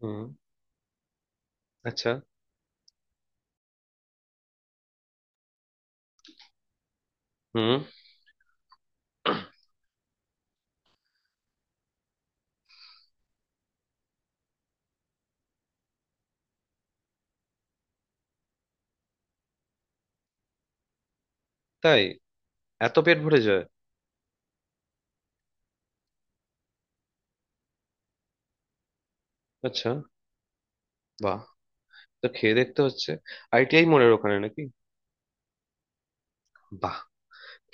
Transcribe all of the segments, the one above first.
হুম। আচ্ছা। হুম। তাই? এত পেট ভরে যায়? আচ্ছা। বাহ, তো খেয়ে দেখতে হচ্ছে। আইটিআই মোড়ের ওখানে নাকি? বাহ।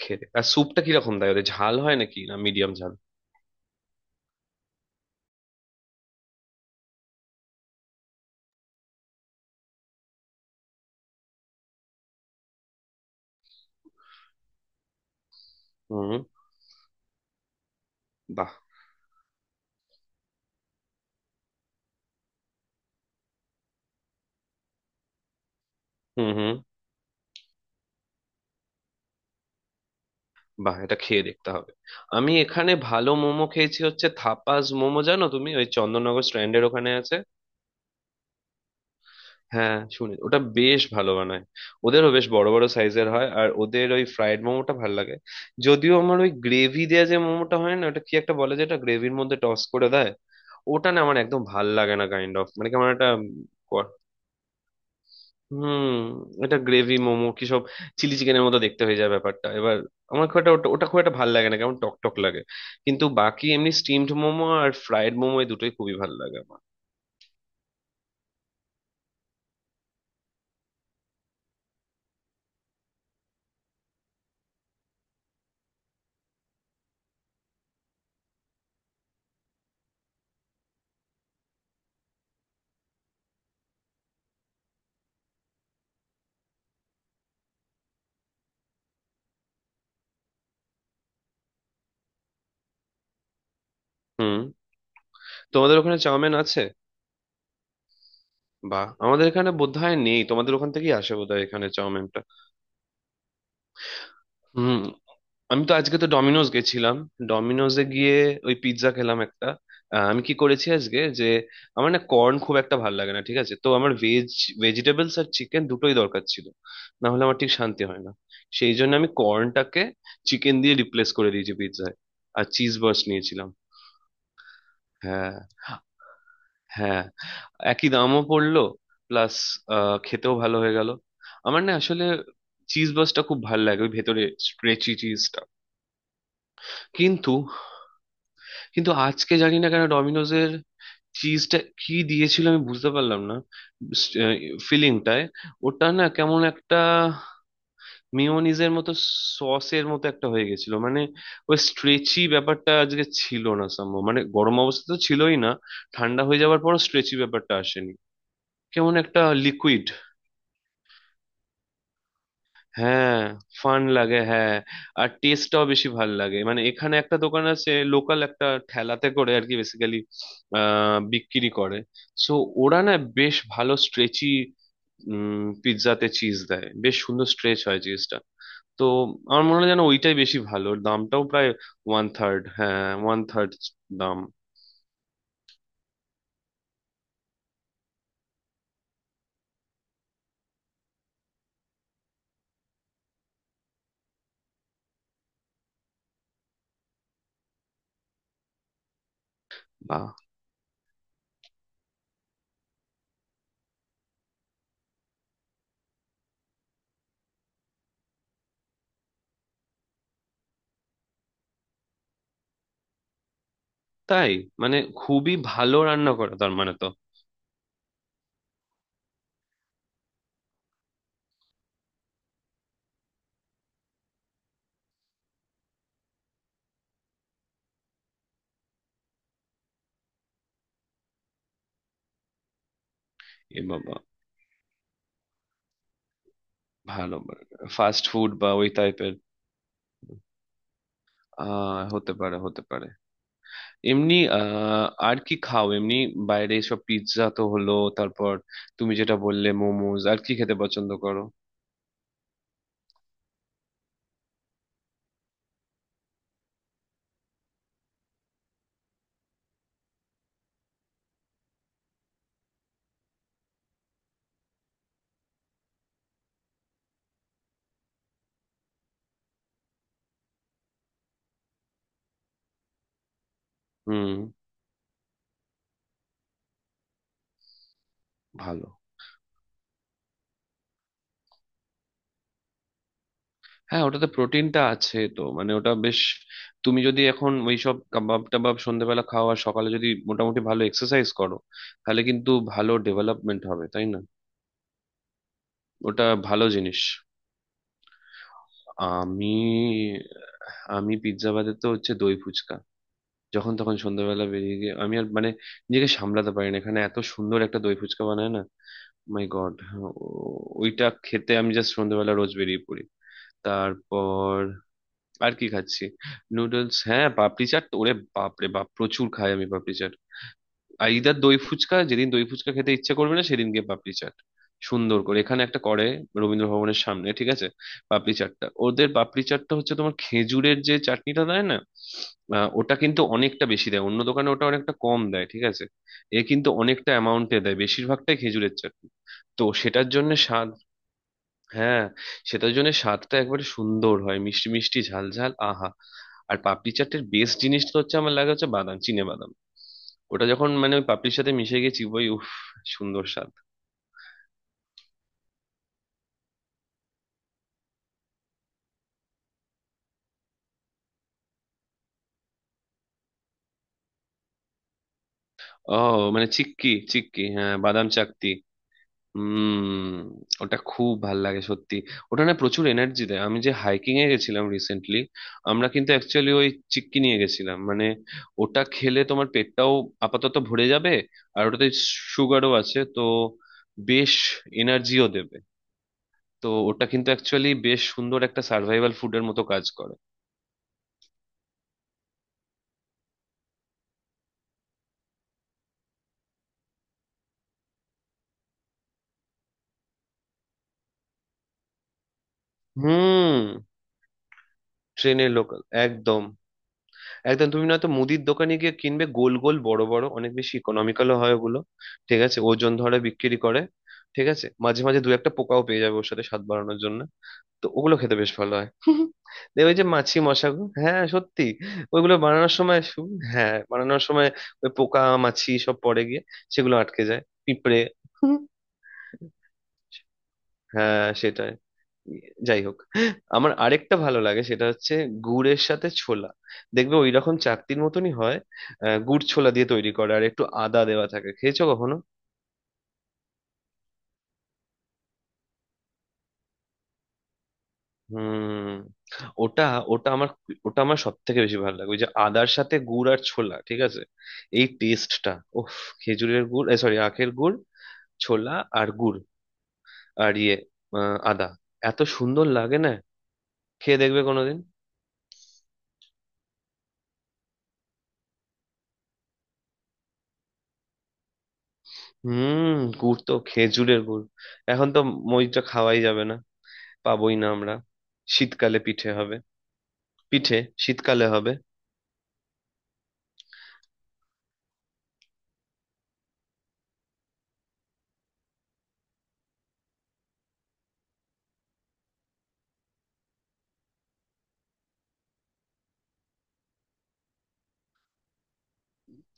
আর স্যুপটা কিরকম দেয় ওদের? ঝাল হয় নাকি, না মিডিয়াম ঝাল? হুম। বাহ। হুম, হুম। বাহ, এটা খেয়ে দেখতে হবে। আমি এখানে ভালো মোমো খেয়েছি, হচ্ছে থাপাস মোমো, জানো তুমি? ওই চন্দননগর স্ট্র্যান্ডের ওখানে আছে। হ্যাঁ, শুনে ওটা বেশ ভালো বানায়। ওদেরও বেশ বড় বড় সাইজের হয়, আর ওদের ওই ফ্রাইড মোমোটা ভালো লাগে। যদিও আমার ওই গ্রেভি দেওয়া যে মোমোটা হয় না, ওটা কি একটা বলে যেটা গ্রেভির মধ্যে টস করে দেয়, ওটা না আমার একদম ভাল লাগে না, কাইন্ড অফ মানে কেমন একটা। ক- হুম। এটা গ্রেভি মোমো কি সব চিলি চিকেনের মতো দেখতে হয়ে যায় ব্যাপারটা এবার। আমার খুব একটা ওটা ওটা খুব একটা ভাল লাগে না, কেমন টক টক লাগে। কিন্তু বাকি এমনি স্টিমড মোমো আর ফ্রাইড মোমো, এই দুটোই খুবই ভাল লাগে আমার। হুম। তোমাদের ওখানে চাউমিন আছে? বাহ, আমাদের এখানে বোধহয় নেই, তোমাদের ওখান থেকেই আসে বোধহয় এখানে চাউমিনটা। হুম। আমি তো আজকে তো ডমিনোজ গেছিলাম, ডমিনোজে গিয়ে ওই পিৎজা খেলাম একটা। আমি কি করেছি আজকে যে, আমার না কর্ন খুব একটা ভালো লাগে না, ঠিক আছে? তো আমার ভেজ ভেজিটেবলস আর চিকেন দুটোই দরকার ছিল, না হলে আমার ঠিক শান্তি হয় না। সেই জন্য আমি কর্নটাকে চিকেন দিয়ে রিপ্লেস করে দিয়েছি পিৎজায়, আর চিজ বার্স্ট নিয়েছিলাম। হ্যাঁ, হ্যাঁ, একই দামও পড়লো, প্লাস খেতেও ভালো হয়ে গেল। আমার না আসলে চিজ বাসটা খুব ভালো লাগে, ওই ভেতরে স্ট্রেচি চিজটা। কিন্তু কিন্তু আজকে জানি না কেন ডমিনোজের চিজটা কি দিয়েছিল, আমি বুঝতে পারলাম না। ফিলিংটায় ওটা না কেমন একটা মেয়োনিজের মতো, সসের মতো একটা হয়ে গেছিল মানে, ওই স্ট্রেচি ব্যাপারটা আজকে ছিল না। সম্ভব মানে গরম অবস্থা তো ছিলই না, ঠান্ডা হয়ে যাওয়ার পরও স্ট্রেচি ব্যাপারটা আসেনি। কেমন একটা লিকুইড। হ্যাঁ, ফান লাগে, হ্যাঁ। আর টেস্টটাও বেশি ভাল লাগে, মানে এখানে একটা দোকান আছে, লোকাল একটা ঠেলাতে করে আর কি, বেসিক্যালি বিক্রি করে। সো ওরা না বেশ ভালো স্ট্রেচি, পিৎজাতে চিজ দেয়, বেশ সুন্দর স্ট্রেচ হয় চিজটা। তো আমার মনে হয় যেন ওইটাই বেশি ভালো, ওর দামটাও প্রায় ওয়ান থার্ড। হ্যাঁ, ওয়ান থার্ড দাম। বাহ। তাই? মানে খুবই ভালো রান্না করা, তার মানে তো। এ বাবা। ভালো ফাস্ট ফুড বা ওই টাইপের। হতে পারে, হতে পারে। এমনি আর কি খাও এমনি? বাইরে সব পিৎজা তো হলো, তারপর তুমি যেটা বললে মোমোজ, আর কি খেতে পছন্দ করো? হুম। ভালো। হ্যাঁ, ওটাতে প্রোটিনটা আছে তো, মানে ওটা বেশ। তুমি যদি এখন ওই সব কাবাব টাবাব সন্ধ্যেবেলা খাও, আর সকালে যদি মোটামুটি ভালো এক্সারসাইজ করো, তাহলে কিন্তু ভালো ডেভেলপমেন্ট হবে, তাই না? ওটা ভালো জিনিস। আমি আমি পিৎজা বাদে তো হচ্ছে দই ফুচকা, যখন তখন সন্ধ্যাবেলা বেরিয়ে গিয়ে আমি আর মানে নিজেকে সামলাতে পারি না, এখানে এত সুন্দর একটা দই ফুচকা বানায় না, মাই গড। ওইটা খেতে আমি জাস্ট সন্ধ্যাবেলা রোজ বেরিয়ে পড়ি। তারপর আর কি খাচ্ছি, নুডলস। হ্যাঁ, পাপড়ি চাট, ওরে বাপ রে বাপ, প্রচুর খাই আমি পাপড়ি চাট। আর ইদার দই ফুচকা, যেদিন দই ফুচকা খেতে ইচ্ছে করবে না সেদিন গিয়ে পাপড়ি চাট, সুন্দর করে এখানে একটা করে রবীন্দ্র ভবনের সামনে, ঠিক আছে? পাপড়ি চাটটা, ওদের পাপড়ি চাটটা হচ্ছে তোমার খেজুরের যে চাটনিটা দেয় না, ওটা কিন্তু অনেকটা বেশি দেয়, অন্য দোকানে ওটা অনেকটা কম দেয়, ঠিক আছে? এ কিন্তু অনেকটা অ্যামাউন্টে দেয়, বেশিরভাগটাই খেজুরের চাটনি। তো সেটার জন্য স্বাদ। হ্যাঁ, সেটার জন্য স্বাদটা একবারে সুন্দর হয়, মিষ্টি মিষ্টি ঝাল ঝাল, আহা। আর পাপড়ি চাটের বেস্ট জিনিসটা হচ্ছে, আমার লাগে হচ্ছে বাদাম, চিনে বাদাম। ওটা যখন মানে ওই পাপড়ির সাথে মিশে গেছি, ওই উফ, সুন্দর স্বাদ। ও, মানে চিক্কি, চিক্কি, হ্যাঁ, বাদাম চাকতি। হুম। ওটা খুব ভাল লাগে সত্যি। ওটা না প্রচুর এনার্জি দেয়, আমি যে হাইকিং এ গেছিলাম রিসেন্টলি, আমরা কিন্তু অ্যাকচুয়ালি ওই চিক্কি নিয়ে গেছিলাম মানে। ওটা খেলে তোমার পেটটাও আপাতত ভরে যাবে, আর ওটাতে সুগারও আছে তো, বেশ এনার্জিও দেবে। তো ওটা কিন্তু অ্যাকচুয়ালি বেশ সুন্দর একটা সার্ভাইভাল ফুডের মতো কাজ করে। হুম। ট্রেনের লোকাল, একদম একদম। তুমি নয়তো মুদির দোকানে গিয়ে কিনবে, গোল গোল বড় বড়, অনেক বেশি ইকোনমিক্যালও হয় ওগুলো, ঠিক আছে? ওজন ধরে বিক্রি করে, ঠিক আছে? মাঝে মাঝে দু একটা পোকাও পেয়ে যাবে, ওর সাথে স্বাদ বাড়ানোর জন্য। তো ওগুলো খেতে বেশ ভালো হয় দেখবে যে মাছি মশা গো, হ্যাঁ সত্যি, ওইগুলো বানানোর সময় হ্যাঁ, বানানোর সময় ওই পোকা মাছি সব পড়ে গিয়ে সেগুলো আটকে যায়, পিঁপড়ে হ্যাঁ, সেটাই। যাই হোক, আমার আরেকটা ভালো লাগে, সেটা হচ্ছে গুড়ের সাথে ছোলা। দেখবে ওই রকম চাকতির মতনই হয়, গুড় ছোলা দিয়ে তৈরি করে, আর একটু আদা দেওয়া থাকে, খেয়েছো কখনো? হুম। ওটা ওটা আমার ওটা আমার সব থেকে বেশি ভালো লাগে, ওই যে আদার সাথে গুড় আর ছোলা, ঠিক আছে? এই টেস্টটা, ওফ। খেজুরের গুড়, সরি আখের গুড়, ছোলা আর গুড় আর ইয়ে আদা, এত সুন্দর লাগে না? খেয়ে দেখবে কোনোদিন। হুম, গুড় তো খেজুরের গুড়, এখন তো মইটা খাওয়াই যাবে না, পাবোই না আমরা। শীতকালে পিঠে হবে, পিঠে শীতকালে হবে।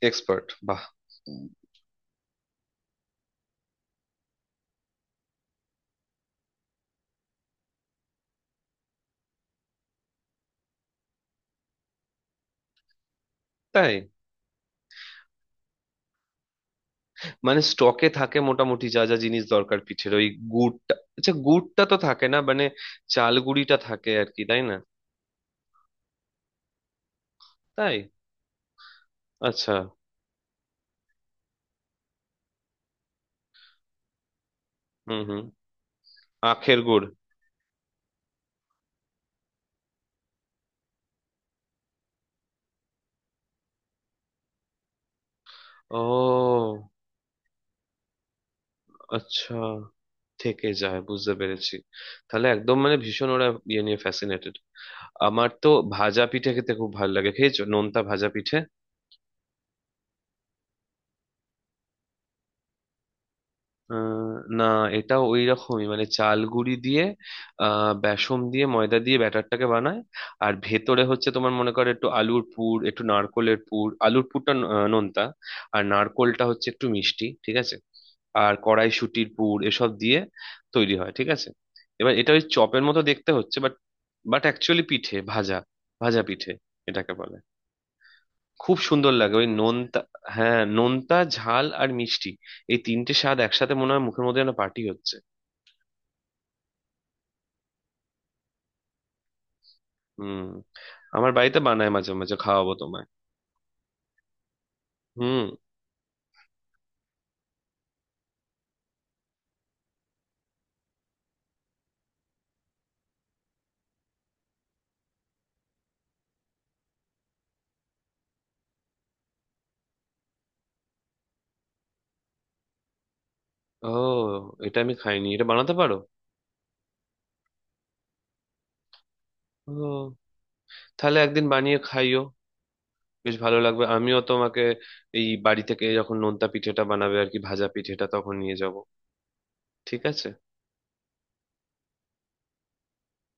এক্সপার্ট, বাহ। তাই? মানে স্টকে থাকে মোটামুটি যা যা জিনিস দরকার পিঠের, ওই গুড়টা, আচ্ছা গুড়টা তো থাকে না মানে, চাল গুঁড়িটা থাকে আর কি, তাই না? তাই। আচ্ছা। হুম, হুম। আখের গুড়। ও, আচ্ছা, থেকে যায়, বুঝতে পেরেছি। তাহলে একদম মানে ভীষণ ওরা ইয়ে নিয়ে ফ্যাসিনেটেড। আমার তো ভাজা পিঠে খেতে খুব ভালো লাগে, খেয়েছো নোনতা ভাজা পিঠে? আহ, না, এটা ওই রকমই মানে চাল গুঁড়ি দিয়ে, বেসন দিয়ে, ময়দা দিয়ে ব্যাটারটাকে বানায়। আর ভেতরে হচ্ছে তোমার মনে করো একটু আলুর পুর, একটু নারকোলের পুর, আলুর পুরটা নোনতা, আর নারকোলটা হচ্ছে একটু মিষ্টি, ঠিক আছে? আর কড়াইশুঁটির পুর এসব দিয়ে তৈরি হয়, ঠিক আছে? এবার এটা ওই চপের মতো দেখতে হচ্ছে, বাট বাট অ্যাকচুয়ালি পিঠে ভাজা, ভাজা পিঠে এটাকে বলে। খুব সুন্দর লাগে ওই নোনতা। হ্যাঁ, নোনতা ঝাল আর মিষ্টি, এই তিনটে স্বাদ একসাথে মনে হয় মুখের মধ্যে যেন পার্টি হচ্ছে। হুম। আমার বাড়িতে বানায়, মাঝে মাঝে খাওয়াবো তোমায়। হুম। ও, এটা আমি খাইনি, এটা বানাতে পারো? ও তাহলে একদিন বানিয়ে খাইও, বেশ ভালো লাগবে। আমিও তোমাকে এই বাড়ি থেকে যখন নোনতা পিঠেটা বানাবে আর কি ভাজা পিঠেটা, তখন নিয়ে যাব, ঠিক আছে?